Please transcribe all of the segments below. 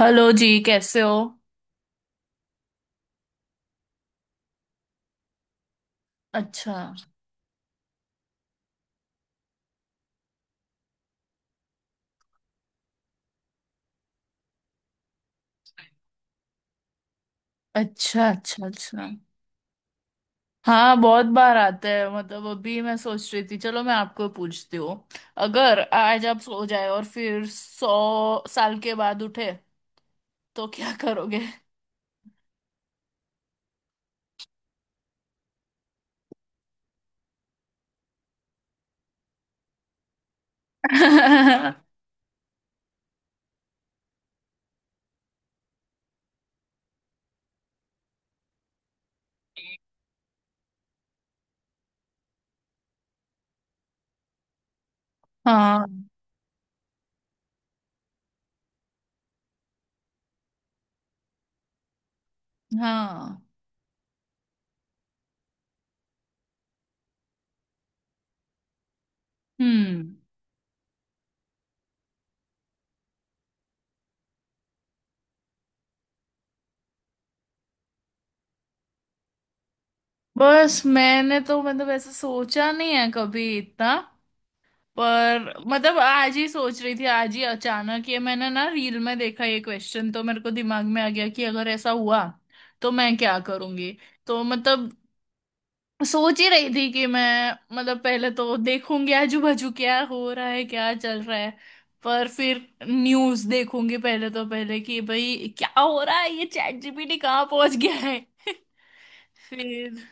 Hello ji. कैसे हो? अच्छा, अच्छा, अच्छा, अच्छा। हाँ, बहुत बार आता है। मतलब अभी मैं सोच रही थी, चलो मैं आपको पूछती हूँ। अगर आज आप सो जाए और फिर 100 साल के बाद उठे तो क्या करोगे? हाँ, हाँ। हम्म। बस, मैंने तो मतलब ऐसा सोचा नहीं है कभी इतना। पर मतलब आज ही सोच रही थी, आज ही अचानक ये मैंने ना रील में देखा, ये क्वेश्चन तो मेरे को दिमाग में आ गया कि अगर ऐसा हुआ तो मैं क्या करूंगी। तो मतलब सोच ही रही थी कि मैं मतलब पहले तो देखूंगी आजू बाजू क्या हो रहा है, क्या चल रहा है। पर फिर न्यूज देखूंगी पहले, तो पहले कि भाई क्या हो रहा है, ये चैट जीपीटी कहाँ पहुंच गया है। फिर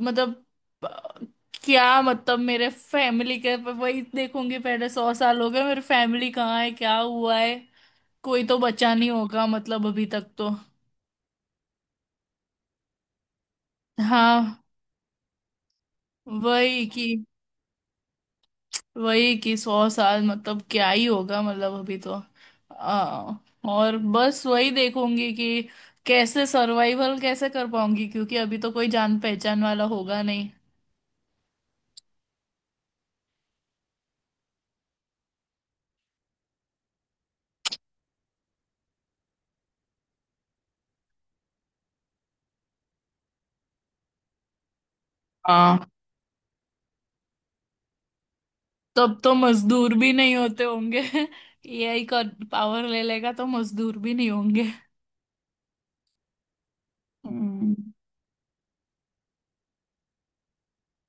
मतलब अ, क्या मतलब मेरे फैमिली के वही देखूंगी पहले, 100 साल हो गए, मेरे फैमिली कहाँ है, क्या हुआ है? कोई तो बचा नहीं होगा मतलब अभी तक तो। हाँ, वही कि वही कि 100 साल मतलब क्या ही होगा, मतलब अभी तो आ, और बस वही देखूंगी कि कैसे सर्वाइवल कैसे कर पाऊंगी, क्योंकि अभी तो कोई जान पहचान वाला होगा नहीं। हाँ, तब तो मजदूर भी नहीं होते होंगे। एआई का पावर ले लेगा तो मजदूर भी नहीं होंगे। हम्म,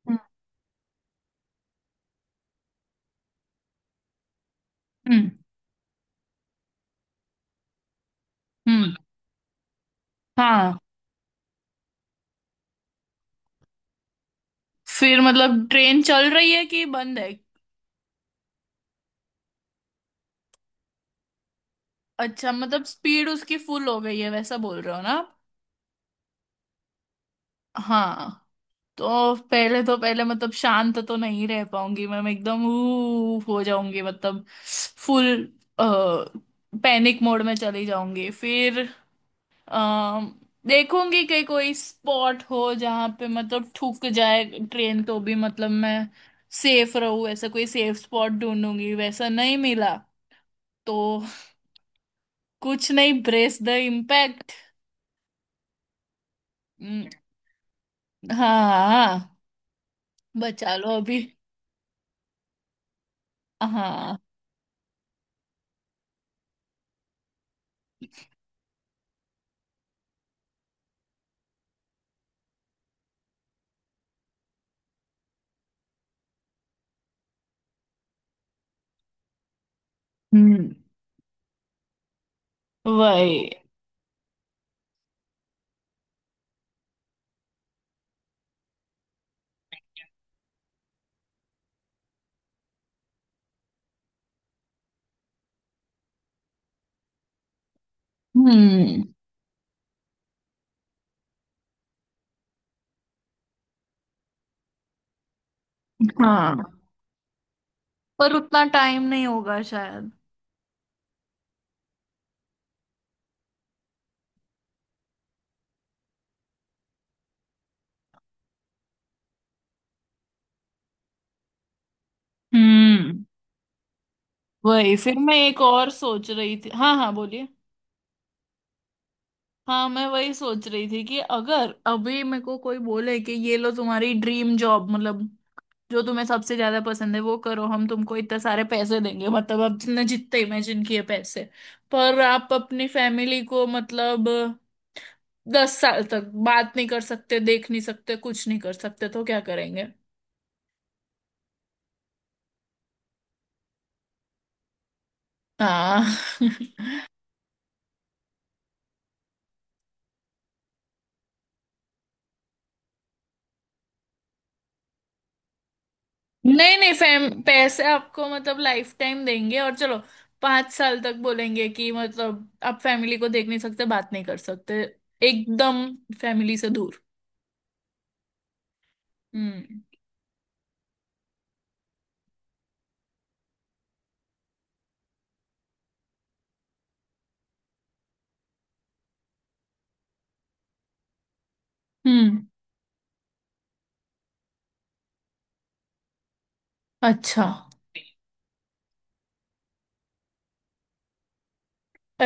हम्म, हम्म, हम्म, हाँ। फिर मतलब ट्रेन चल रही है कि बंद है? अच्छा, मतलब स्पीड उसकी फुल हो गई है, वैसा बोल रहे हो ना आप? हाँ, तो पहले मतलब शांत तो नहीं रह पाऊंगी मैं एकदम ऊफ हो जाऊंगी, मतलब फुल पैनिक मोड में चली जाऊंगी। फिर अम, देखूंगी कि कोई स्पॉट हो जहां पे मतलब ठुक जाए ट्रेन, तो भी मतलब मैं सेफ रहूं, ऐसा कोई सेफ स्पॉट ढूंढूंगी। वैसा नहीं मिला तो कुछ नहीं, ब्रेस द इम्पैक्ट। हाँ, हाँ, बचा लो अभी। हाँ। हम्म। वही। हम्म। हाँ, पर उतना टाइम नहीं होगा शायद। हम्म। वही, फिर मैं एक और सोच रही थी। हाँ, हाँ, बोलिए। हाँ, मैं वही सोच रही थी कि अगर अभी मेरे को कोई बोले कि ये लो तुम्हारी ड्रीम जॉब, मतलब जो तुम्हें सबसे ज्यादा पसंद है वो करो, हम तुमको इतने सारे पैसे देंगे, मतलब आपने जितने इमेजिन किए पैसे, पर आप अपनी फैमिली को मतलब 10 साल तक बात नहीं कर सकते, देख नहीं सकते, कुछ नहीं कर सकते, तो क्या करेंगे? हाँ। नहीं, नहीं, फैम पैसे आपको मतलब लाइफ टाइम देंगे और चलो 5 साल तक बोलेंगे कि मतलब आप फैमिली को देख नहीं सकते, बात नहीं कर सकते, एकदम फैमिली से दूर। हम्म। हम्म। अच्छा।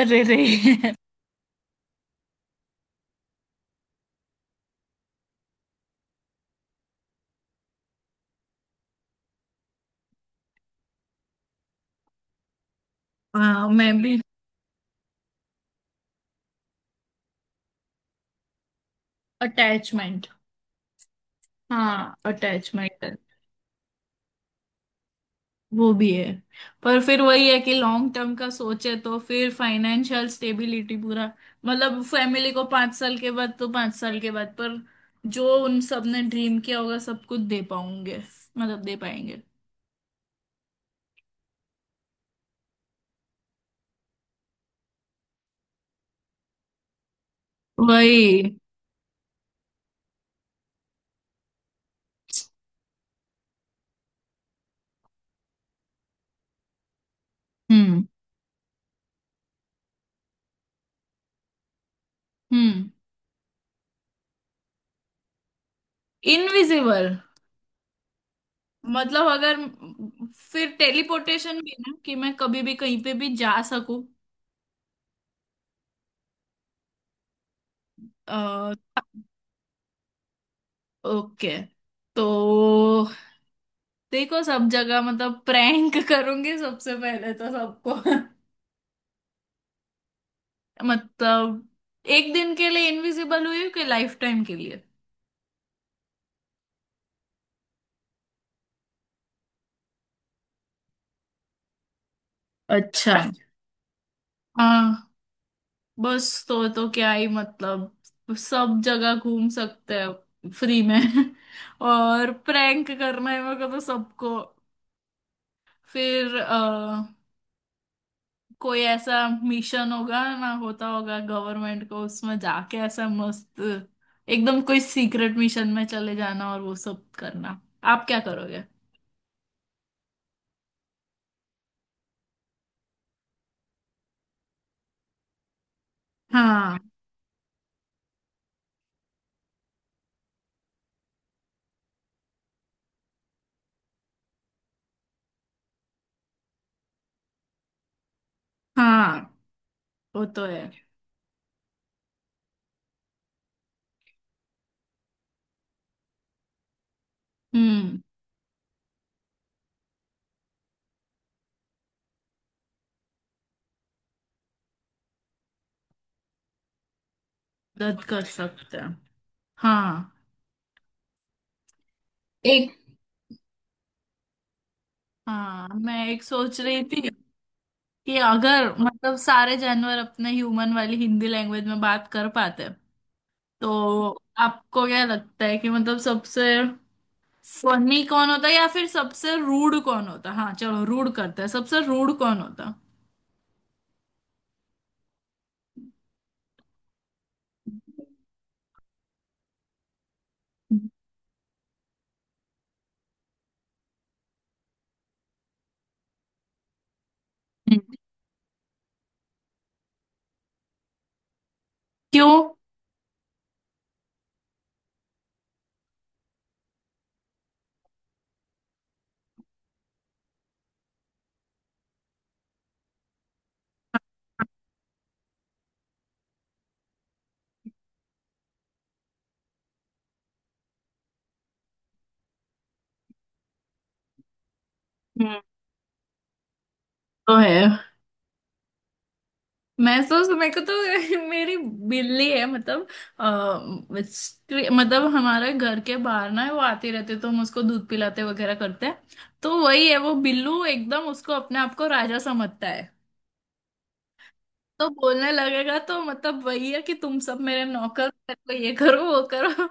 अरे रे। हाँ, मैं भी। अटैचमेंट। हाँ, अटैचमेंट। वो भी है। पर फिर वही है कि लॉन्ग टर्म का सोचे तो फिर फाइनेंशियल स्टेबिलिटी पूरा, मतलब फैमिली को, 5 साल के बाद तो, 5 साल के बाद पर जो उन सब ने ड्रीम किया होगा सब कुछ दे पाऊंगे, मतलब दे पाएंगे। वही। हम्म। हम्म। इनविजिबल? मतलब अगर फिर टेलीपोर्टेशन भी ना कि मैं कभी भी कहीं पे भी जा सकूं? ओके। तो देखो, सब जगह मतलब प्रैंक करूंगी सबसे पहले तो सबको। मतलब एक दिन के लिए इनविजिबल हुई हूँ कि लाइफ टाइम के लिए? अच्छा। हाँ। बस, तो क्या ही मतलब, सब जगह घूम सकते हैं फ्री में। और प्रैंक करना है मेरे को तो सबको। फिर कोई ऐसा मिशन होगा ना, होता होगा गवर्नमेंट को, उसमें जाके ऐसा मस्त एकदम कोई सीक्रेट मिशन में चले जाना और वो सब करना। आप क्या करोगे? हाँ, हाँ, वो तो है। हम्म। मदद कर सकते हैं। हाँ। एक हाँ, मैं एक सोच रही थी कि अगर मतलब सारे जानवर अपने ह्यूमन वाली हिंदी लैंग्वेज में बात कर पाते तो आपको क्या लगता है कि मतलब सबसे फनी कौन होता है, या फिर सबसे रूड कौन होता? हाँ, चलो, रूड करते हैं, सबसे रूड कौन होता? हम्म। क्यों? हम्म, तो है। मैं तो, मेरे को तो मेरी बिल्ली है, मतलब मतलब हमारे घर के बाहर ना है, वो आती रहती है, तो हम उसको दूध पिलाते वगैरह करते हैं। तो वही है, वो बिल्लू एकदम उसको अपने आप को राजा समझता है। तो बोलने लगेगा तो मतलब वही है कि तुम सब मेरे नौकर, मेरे को ये करो वो करो।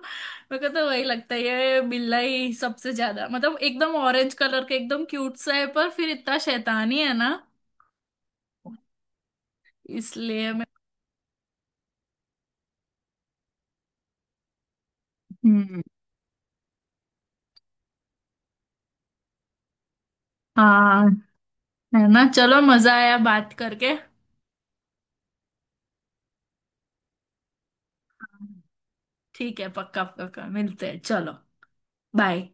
मेरे को तो वही लगता है ये बिल्ला ही सबसे ज्यादा, मतलब एकदम ऑरेंज कलर के एकदम क्यूट सा है पर फिर इतना शैतानी है ना। इसलिए मैं। हम्म। हाँ, है ना, चलो, मजा आया बात करके। ठीक है, पक्का पक्का मिलते हैं, चलो। बाय।